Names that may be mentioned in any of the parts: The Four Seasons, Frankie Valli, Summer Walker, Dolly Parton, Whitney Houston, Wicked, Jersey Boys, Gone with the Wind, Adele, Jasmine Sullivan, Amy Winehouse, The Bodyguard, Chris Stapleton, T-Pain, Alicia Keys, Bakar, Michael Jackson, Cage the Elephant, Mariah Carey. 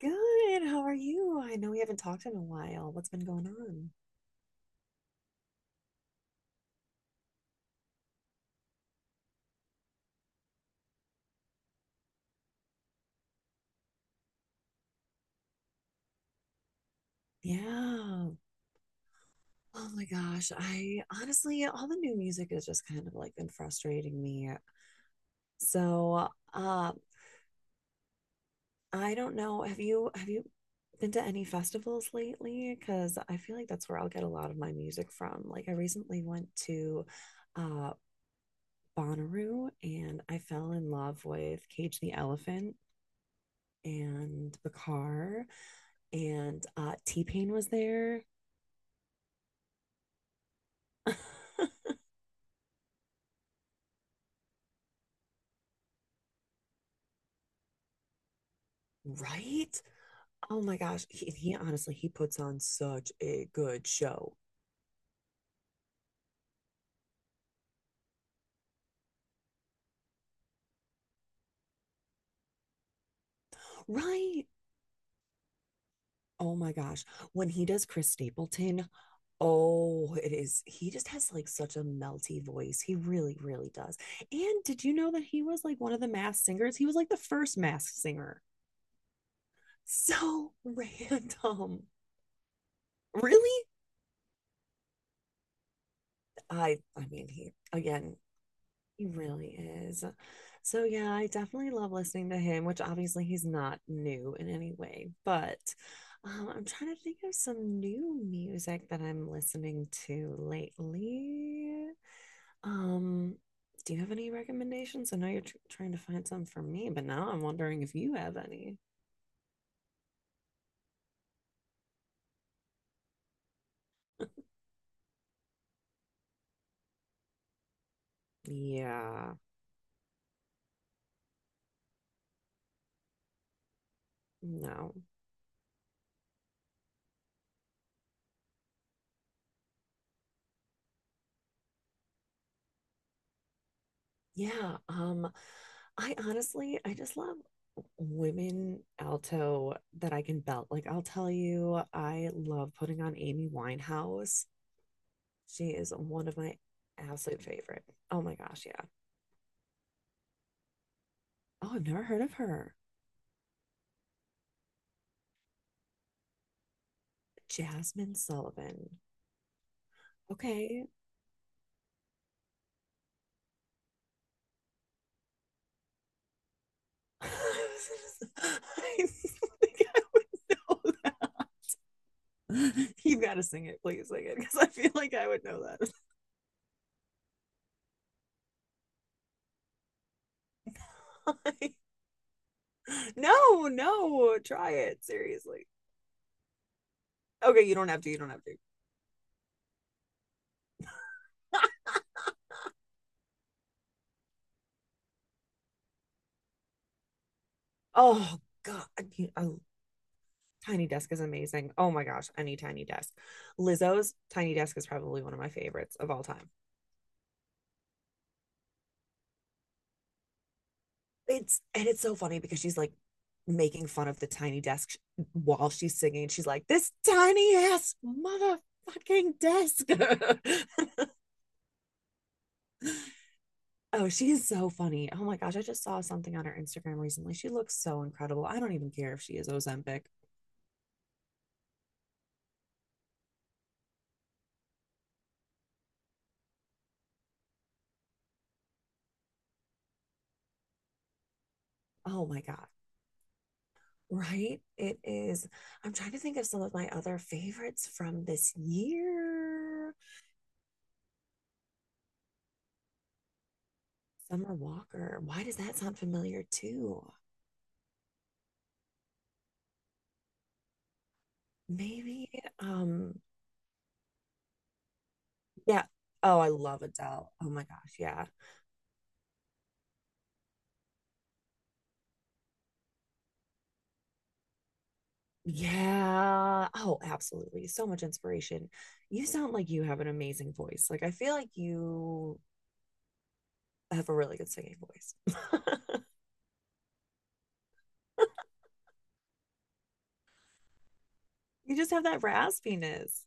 Good. How are you? I know we haven't talked in a while. What's been going on? Yeah. Oh my gosh. I honestly, all the new music has just kind of like been frustrating me. So, uh, I don't know. Have you been to any festivals lately? Because I feel like that's where I'll get a lot of my music from. Like I recently went to uh Bonnaroo and I fell in love with Cage the Elephant and Bakar and T-Pain was there. Right? Oh my gosh. He honestly, he puts on such a good show. Right? Oh my gosh. When he does Chris Stapleton, oh, it is. He just has like such a melty voice. He really, really does. And did you know that he was like one of the mass singers? He was like the first mass singer. So random. Really? I mean, he again, he really is. So yeah, I definitely love listening to him, which obviously he's not new in any way, but I'm trying to think of some new music that I'm listening to lately. Um, do you have any recommendations? I know you're tr trying to find some for me, but now I'm wondering if you have any. Yeah, no, yeah, I honestly, I just love women alto that I can belt. Like, I'll tell you, I love putting on Amy Winehouse. She is one of my absolute favorite. Oh my gosh, yeah. Oh, I've never heard of her. Jasmine Sullivan. Okay. I didn't think I would know that. You've got to sing it, please sing it, because I feel like I would know that. No, no, try it seriously. Okay, you don't have to. You don't have to. Oh god, a tiny desk is amazing. Oh my gosh, any tiny desk. Lizzo's tiny desk is probably one of my favorites of all time. It's and it's so funny because she's like making fun of the tiny desk while she's singing. She's like, "This tiny ass motherfucking desk." Oh, she is so funny. Oh my gosh, I just saw something on her Instagram recently. She looks so incredible. I don't even care if she is Ozempic. Oh my god. Right? It is. I'm trying to think of some of my other favorites from this year. Summer Walker. Why does that sound familiar too? Maybe, um, yeah. Oh, I love Adele. Oh my gosh, yeah. Yeah. Oh, absolutely. So much inspiration. You sound like you have an amazing voice. Like I feel like you have a really good singing voice. You just have that raspiness.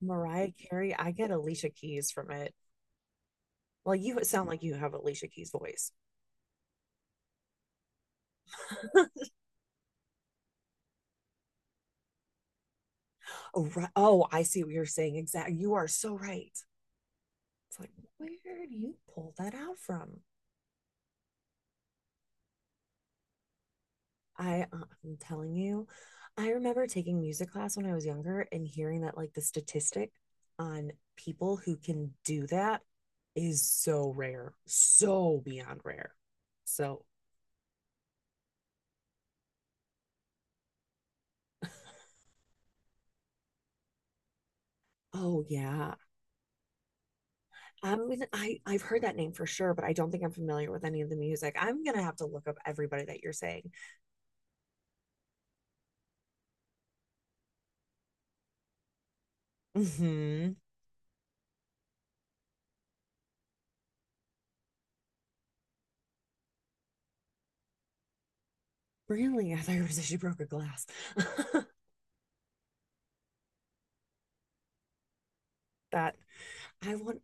Mariah Carey, I get Alicia Keys from it. Well, you sound like you have Alicia Keys' voice. Oh, right. Oh, I see what you're saying. Exactly. You are so right. It's like, where do you pull that out from? I'm telling you, I remember taking music class when I was younger and hearing that like the statistic on people who can do that is so rare, so beyond rare. So, oh yeah. I'm gonna, I I've heard that name for sure, but I don't think I'm familiar with any of the music. I'm gonna have to look up everybody that you're saying. Hmm. Really? I thought you were saying she broke a glass. That I want.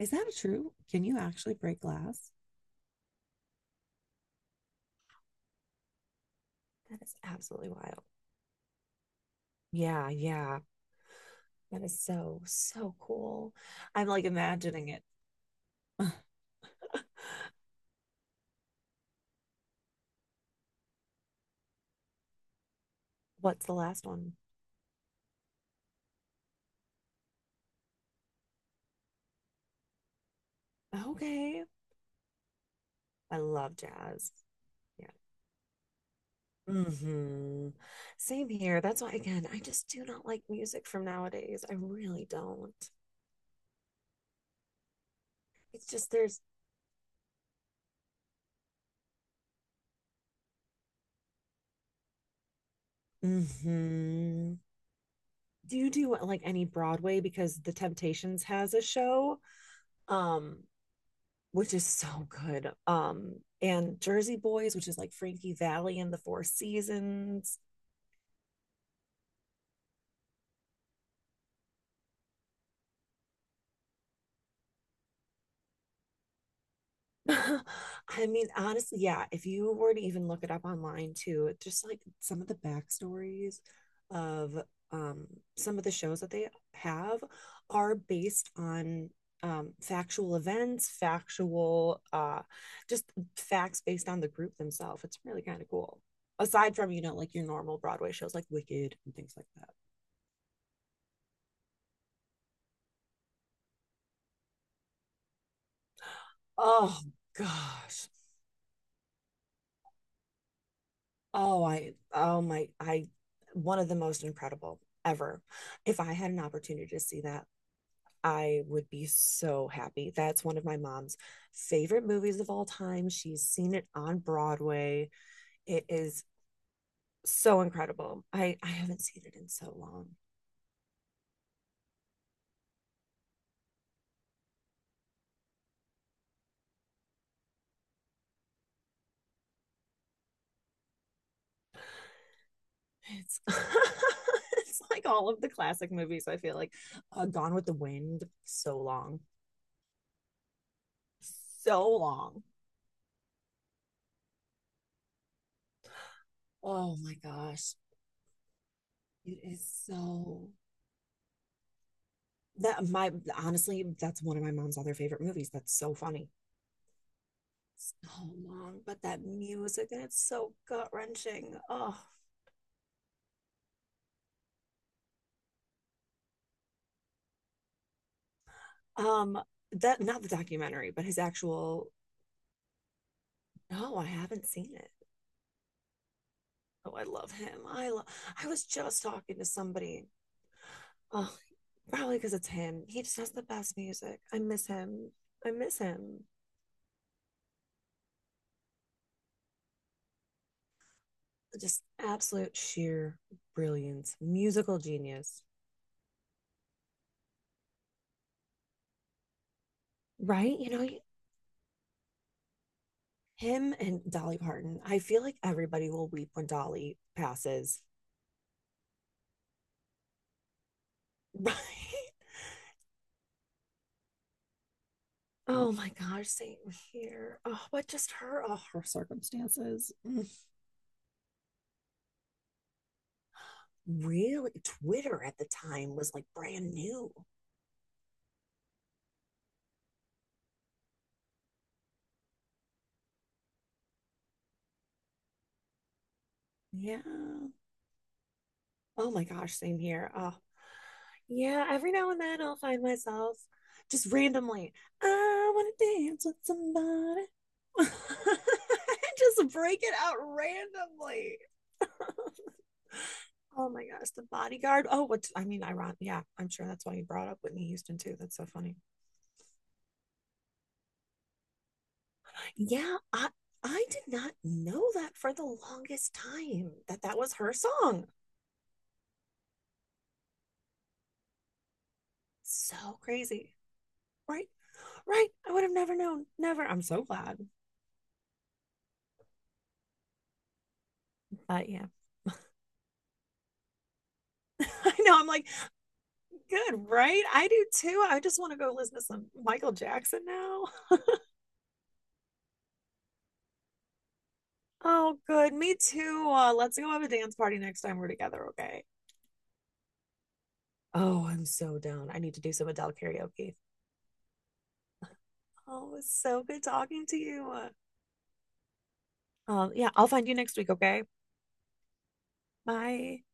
Is that true? Can you actually break glass? That is absolutely wild. Yeah, yeah. That is so, so cool. I'm like imagining it. What's the last one? Okay. I love jazz. Yeah. Mm-hmm. Same here. That's why, again, I just do not like music from nowadays. I really don't. It's just there's. Mm-hmm. Do you do like any Broadway? Because The Temptations has a show, um, which is so good. And Jersey Boys, which is like Frankie Valli and the Four Seasons. I mean, honestly, yeah, if you were to even look it up online too, just like some of the backstories of um, some of the shows that they have are based on factual events, factual, just facts based on the group themselves. It's really kind of cool. Aside from, you know, like your normal Broadway shows like Wicked and things like that. Oh, gosh. Oh, I, oh my, I, one of the most incredible ever. If I had an opportunity to see that, I would be so happy. That's one of my mom's favorite movies of all time. She's seen it on Broadway. It is so incredible. I haven't seen it in so long. It's, it's like all of the classic movies, I feel like. Gone with the Wind, so long. So long. Oh my gosh. It is so that my honestly that's one of my mom's other favorite movies, that's so funny, so long, but that music, and it's so gut wrenching. Oh, um that, not the documentary, but his actual. No, I haven't seen it. Oh, I love him. I love, I was just talking to somebody. Oh, probably because it's him. He just has the best music. I miss him. I miss him. Just absolute sheer brilliance, musical genius. Right, you know, you, him and Dolly Parton. I feel like everybody will weep when Dolly passes. Right? Oh my gosh, same here. Oh, but just her, oh, her circumstances. Mm. Really, Twitter at the time was like brand new. Yeah. Oh my gosh, same here. Oh, yeah. Every now and then I'll find myself just randomly, I want to dance with somebody. just break it out randomly. Oh my gosh, The Bodyguard. Oh, what's I mean, ironic. Yeah, I'm sure that's why you brought up Whitney Houston too. That's so funny. Yeah, I did not know that for the longest time that that was her song. So crazy. Right? Right. I would have never known. Never. I'm so glad. But yeah. I know. I'm like, good, right? I do too. I just want to go listen to some Michael Jackson now. Oh, good. Me too. Let's go have a dance party next time we're together, okay? Oh, I'm so down. I need to do some Adele karaoke. Oh, it was so good talking to you. Yeah, I'll find you next week, okay? Bye.